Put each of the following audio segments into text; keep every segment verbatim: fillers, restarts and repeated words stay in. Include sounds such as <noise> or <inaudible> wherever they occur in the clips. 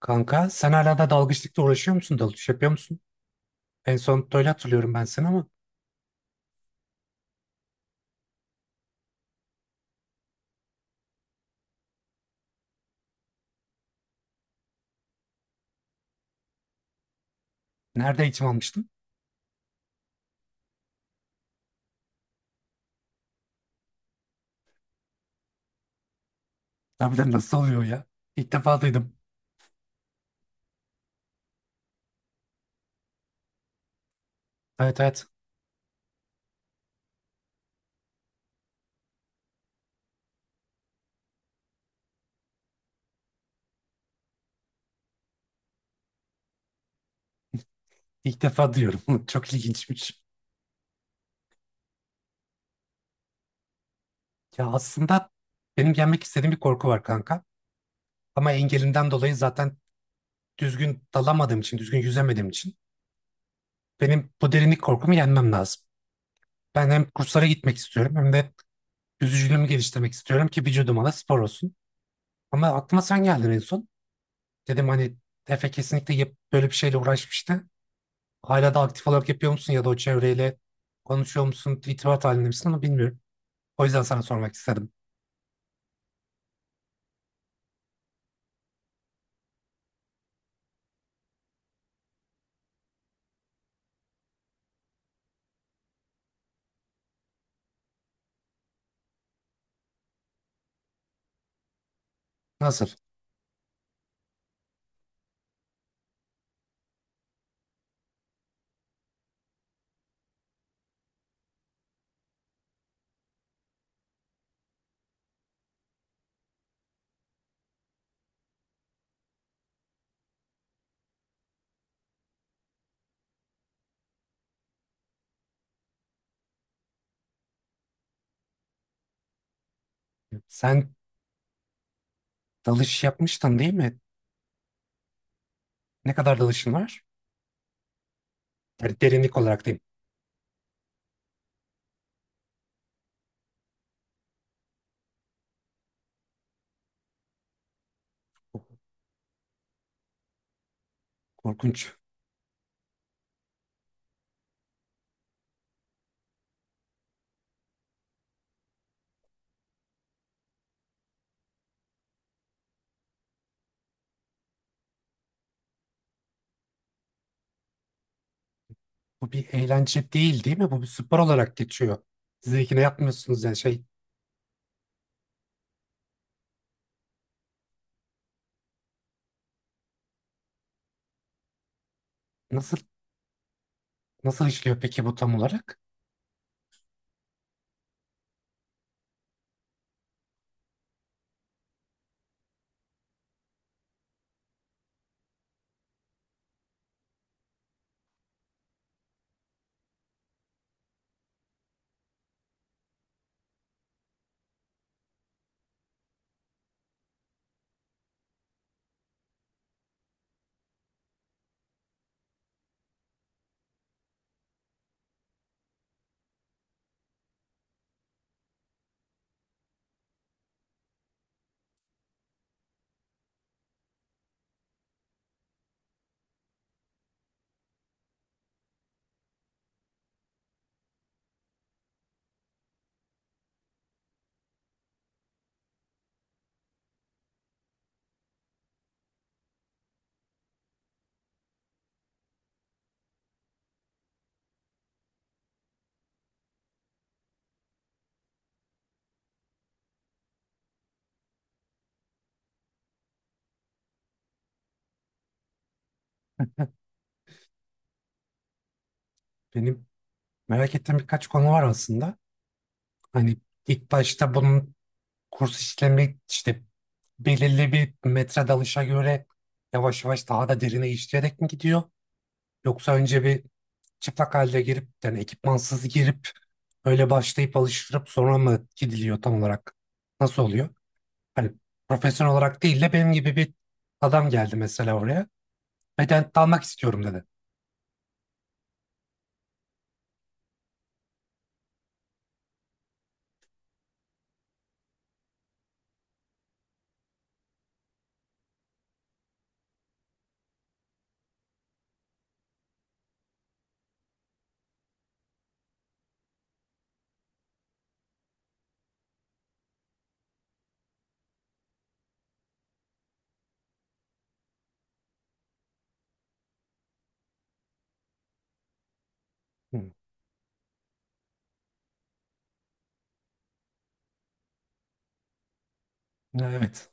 Kanka sen hala da dalgıçlıkla uğraşıyor musun? Dalış yapıyor musun? En son öyle hatırlıyorum ben seni ama nerede eğitim almıştın? Harbiden nasıl oluyor ya? İlk defa duydum. Evet evet ilk defa diyorum. <laughs> Çok ilginçmiş. Ya aslında benim yenmek istediğim bir korku var kanka. Ama engelimden dolayı zaten düzgün dalamadığım için, düzgün yüzemediğim için benim bu derinlik korkumu yenmem lazım. Ben hem kurslara gitmek istiyorum hem de yüzücülüğümü geliştirmek istiyorum ki vücuduma da spor olsun. Ama aklıma sen geldin en son. Dedim hani Efe kesinlikle yap- böyle bir şeyle uğraşmıştı. Hala da aktif olarak yapıyor musun ya da o çevreyle konuşuyor musun, irtibat halinde misin ama bilmiyorum. O yüzden sana sormak istedim. Nasıl? Sen dalış yapmıştın değil mi? Ne kadar dalışın var? Yani derinlik olarak diyeyim. Korkunç. Bu bir eğlence değil değil mi? Bu bir spor olarak geçiyor. Siz ikine yapmıyorsunuz yani şey, nasıl nasıl işliyor peki bu tam olarak? Benim merak ettiğim birkaç konu var aslında. Hani ilk başta bunun kurs işlemi işte belirli bir metre dalışa göre yavaş yavaş daha da derine işleyerek mi gidiyor? Yoksa önce bir çıplak halde girip yani ekipmansız girip öyle başlayıp alıştırıp sonra mı gidiliyor tam olarak? Nasıl oluyor? Hani profesyonel olarak değil de benim gibi bir adam geldi mesela oraya. Beden dalmak istiyorum dedi. Hı. Evet.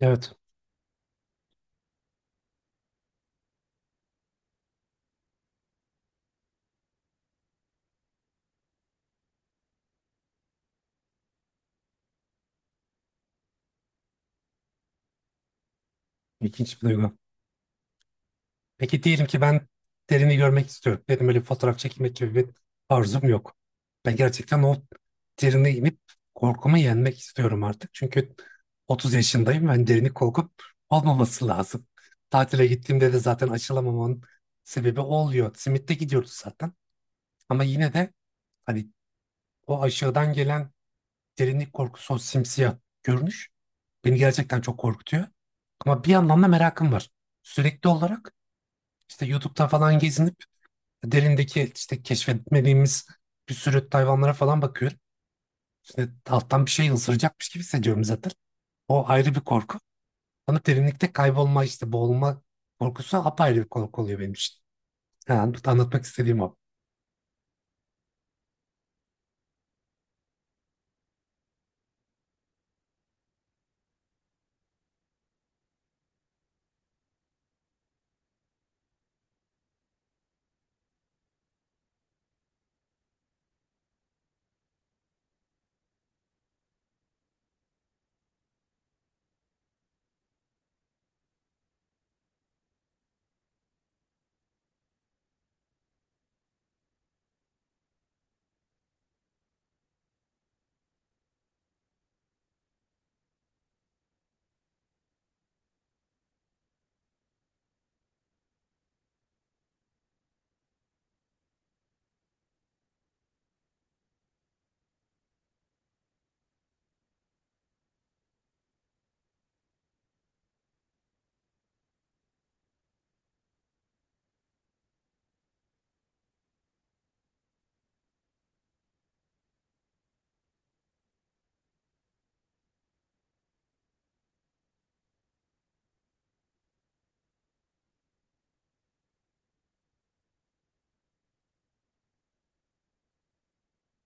Evet. İlginç bir duygu. Peki diyelim ki ben derini görmek istiyorum. Benim öyle bir fotoğraf çekmek gibi bir arzum yok. Ben gerçekten o derine inip korkumu yenmek istiyorum artık. Çünkü otuz yaşındayım. Ben derini korkup olmaması lazım. Tatile gittiğimde de zaten aşılamamamın sebebi oluyor. Simit'te gidiyoruz zaten. Ama yine de hani o aşağıdan gelen derinlik korkusu, o simsiyah görünüş beni gerçekten çok korkutuyor. Ama bir yandan da merakım var. Sürekli olarak işte YouTube'da falan gezinip derindeki işte keşfetmediğimiz bir sürü hayvanlara falan bakıyorum. İşte alttan bir şey ısıracakmış gibi hissediyorum zaten. O ayrı bir korku. Ama derinlikte kaybolma işte boğulma korkusu apayrı bir korku oluyor benim için. Yani anlatmak istediğim o.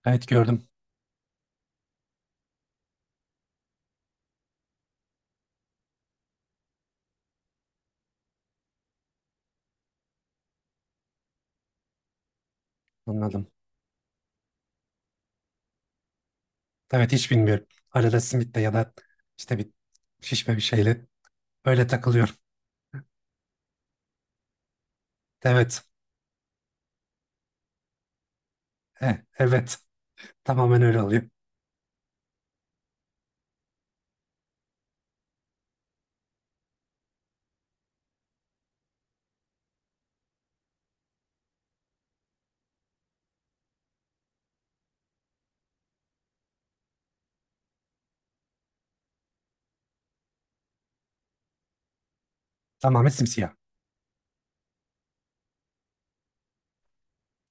Evet gördüm. Anladım. Evet hiç bilmiyorum. Arada simitle ya da işte bir şişme bir şeyle öyle takılıyorum. Evet. Eh, evet. Tamamen öyle oluyor. Tamamen simsiyah.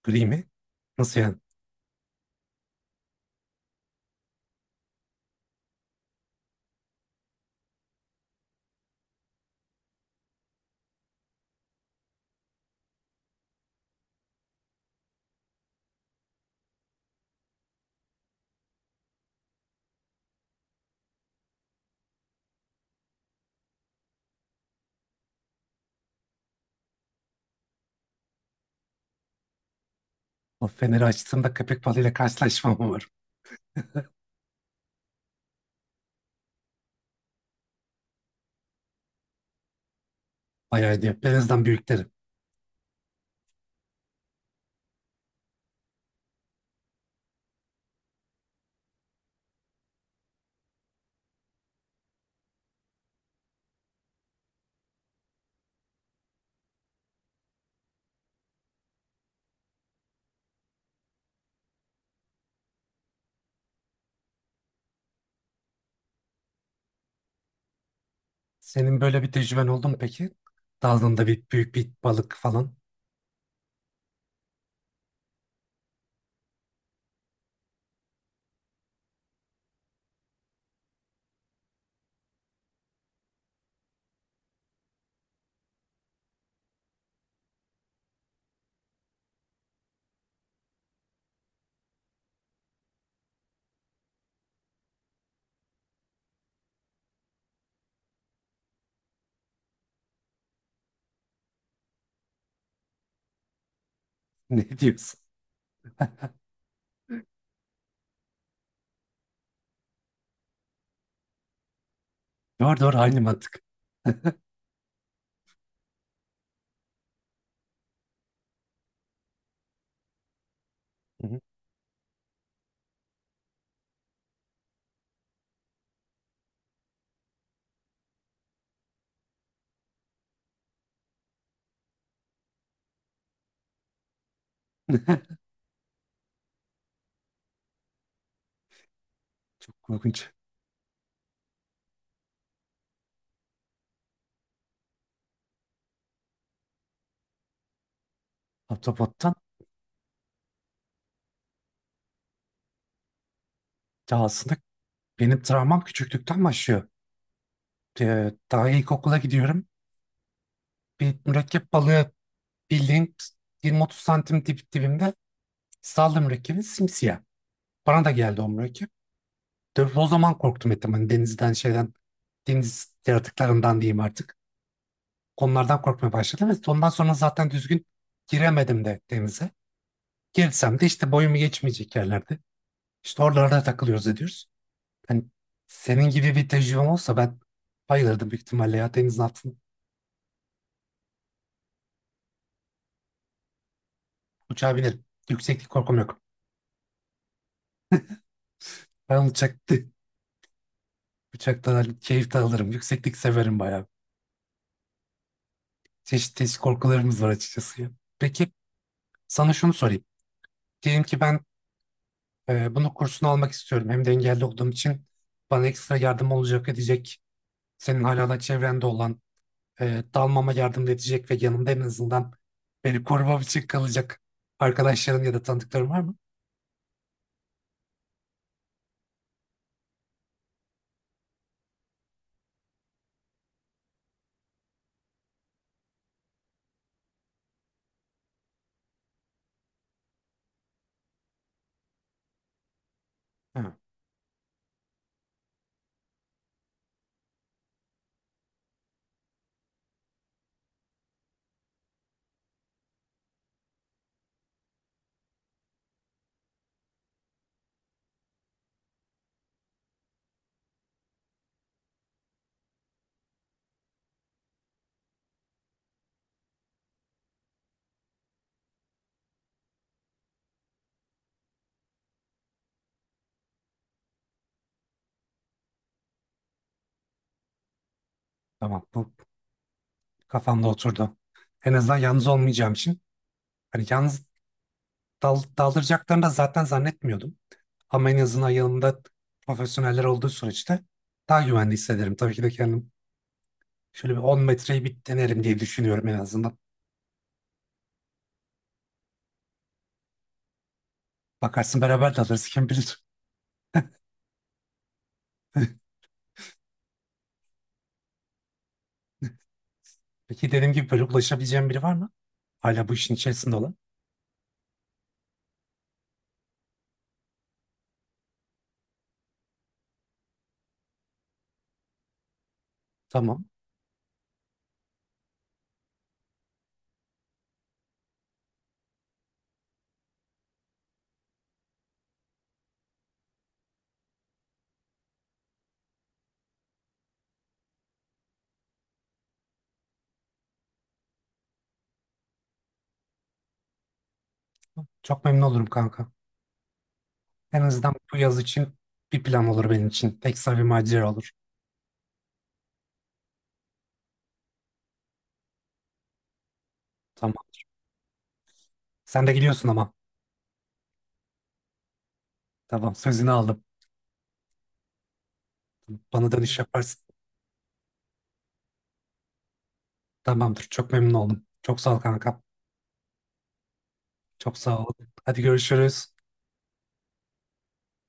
Gri mi? Nasıl yani? O feneri açtığımda köpek balığıyla karşılaşmam umarım. Bayağı iyi. Perez'den büyüklerim. Senin böyle bir tecrüben oldu mu peki? Daldığında bir büyük bir balık falan. <laughs> Ne diyorsun? Doğru doğru aynı mantık. Hı hı. <laughs> Çok korkunç. Ahtapottan. Ya aslında benim travmam küçüklükten başlıyor. Ee, daha ilkokula gidiyorum. Bir mürekkep balığı bildiğin yirmi otuz santim dip, dibimde saldı mürekkebi simsiyah. Bana da geldi o mürekkep. Tabii o zaman korktum ettim. Hani denizden şeyden deniz yaratıklarından diyeyim artık. Onlardan korkmaya başladım ve ondan sonra zaten düzgün giremedim de denize. Girsem de işte boyumu geçmeyecek yerlerde. İşte oralarda takılıyoruz ediyoruz. Hani senin gibi bir tecrübem olsa ben bayılırdım büyük ihtimalle ya denizin altında uçağa binerim. Yükseklik korkum yok. Ben uçakta, <laughs> uçaktan hani keyif de alırım. Yükseklik severim bayağı. Çeşit çeşit korkularımız var açıkçası ya. Peki sana şunu sorayım. Diyelim ki ben e, bunu kursunu almak istiyorum. Hem de engelli olduğum için bana ekstra yardım olacak edecek senin hala da çevrende olan, e, dalmama yardım edecek ve yanımda en azından beni korumam için kalacak arkadaşların ya da tanıdıkların var mı? Ha, tamam bu kafamda oturdu. En azından yalnız olmayacağım için. Hani yalnız dal, daldıracaklarını da zaten zannetmiyordum. Ama en azından yanımda profesyoneller olduğu süreçte daha güvende hissederim. Tabii ki de kendim şöyle bir on metreyi bir denerim diye düşünüyorum en azından. Bakarsın beraber dalırız kim bilir. Peki dediğim gibi böyle ulaşabileceğim biri var mı? Hala bu işin içerisinde olan. Tamam. Çok memnun olurum kanka. En azından bu yaz için bir plan olur benim için. Ekstra bir macera olur. Tamam. Sen de gidiyorsun ama. Tamam sözünü aldım. Bana dönüş yaparsın. Tamamdır. Çok memnun oldum. Çok sağ ol kanka. Çok sağ ol. Hadi görüşürüz.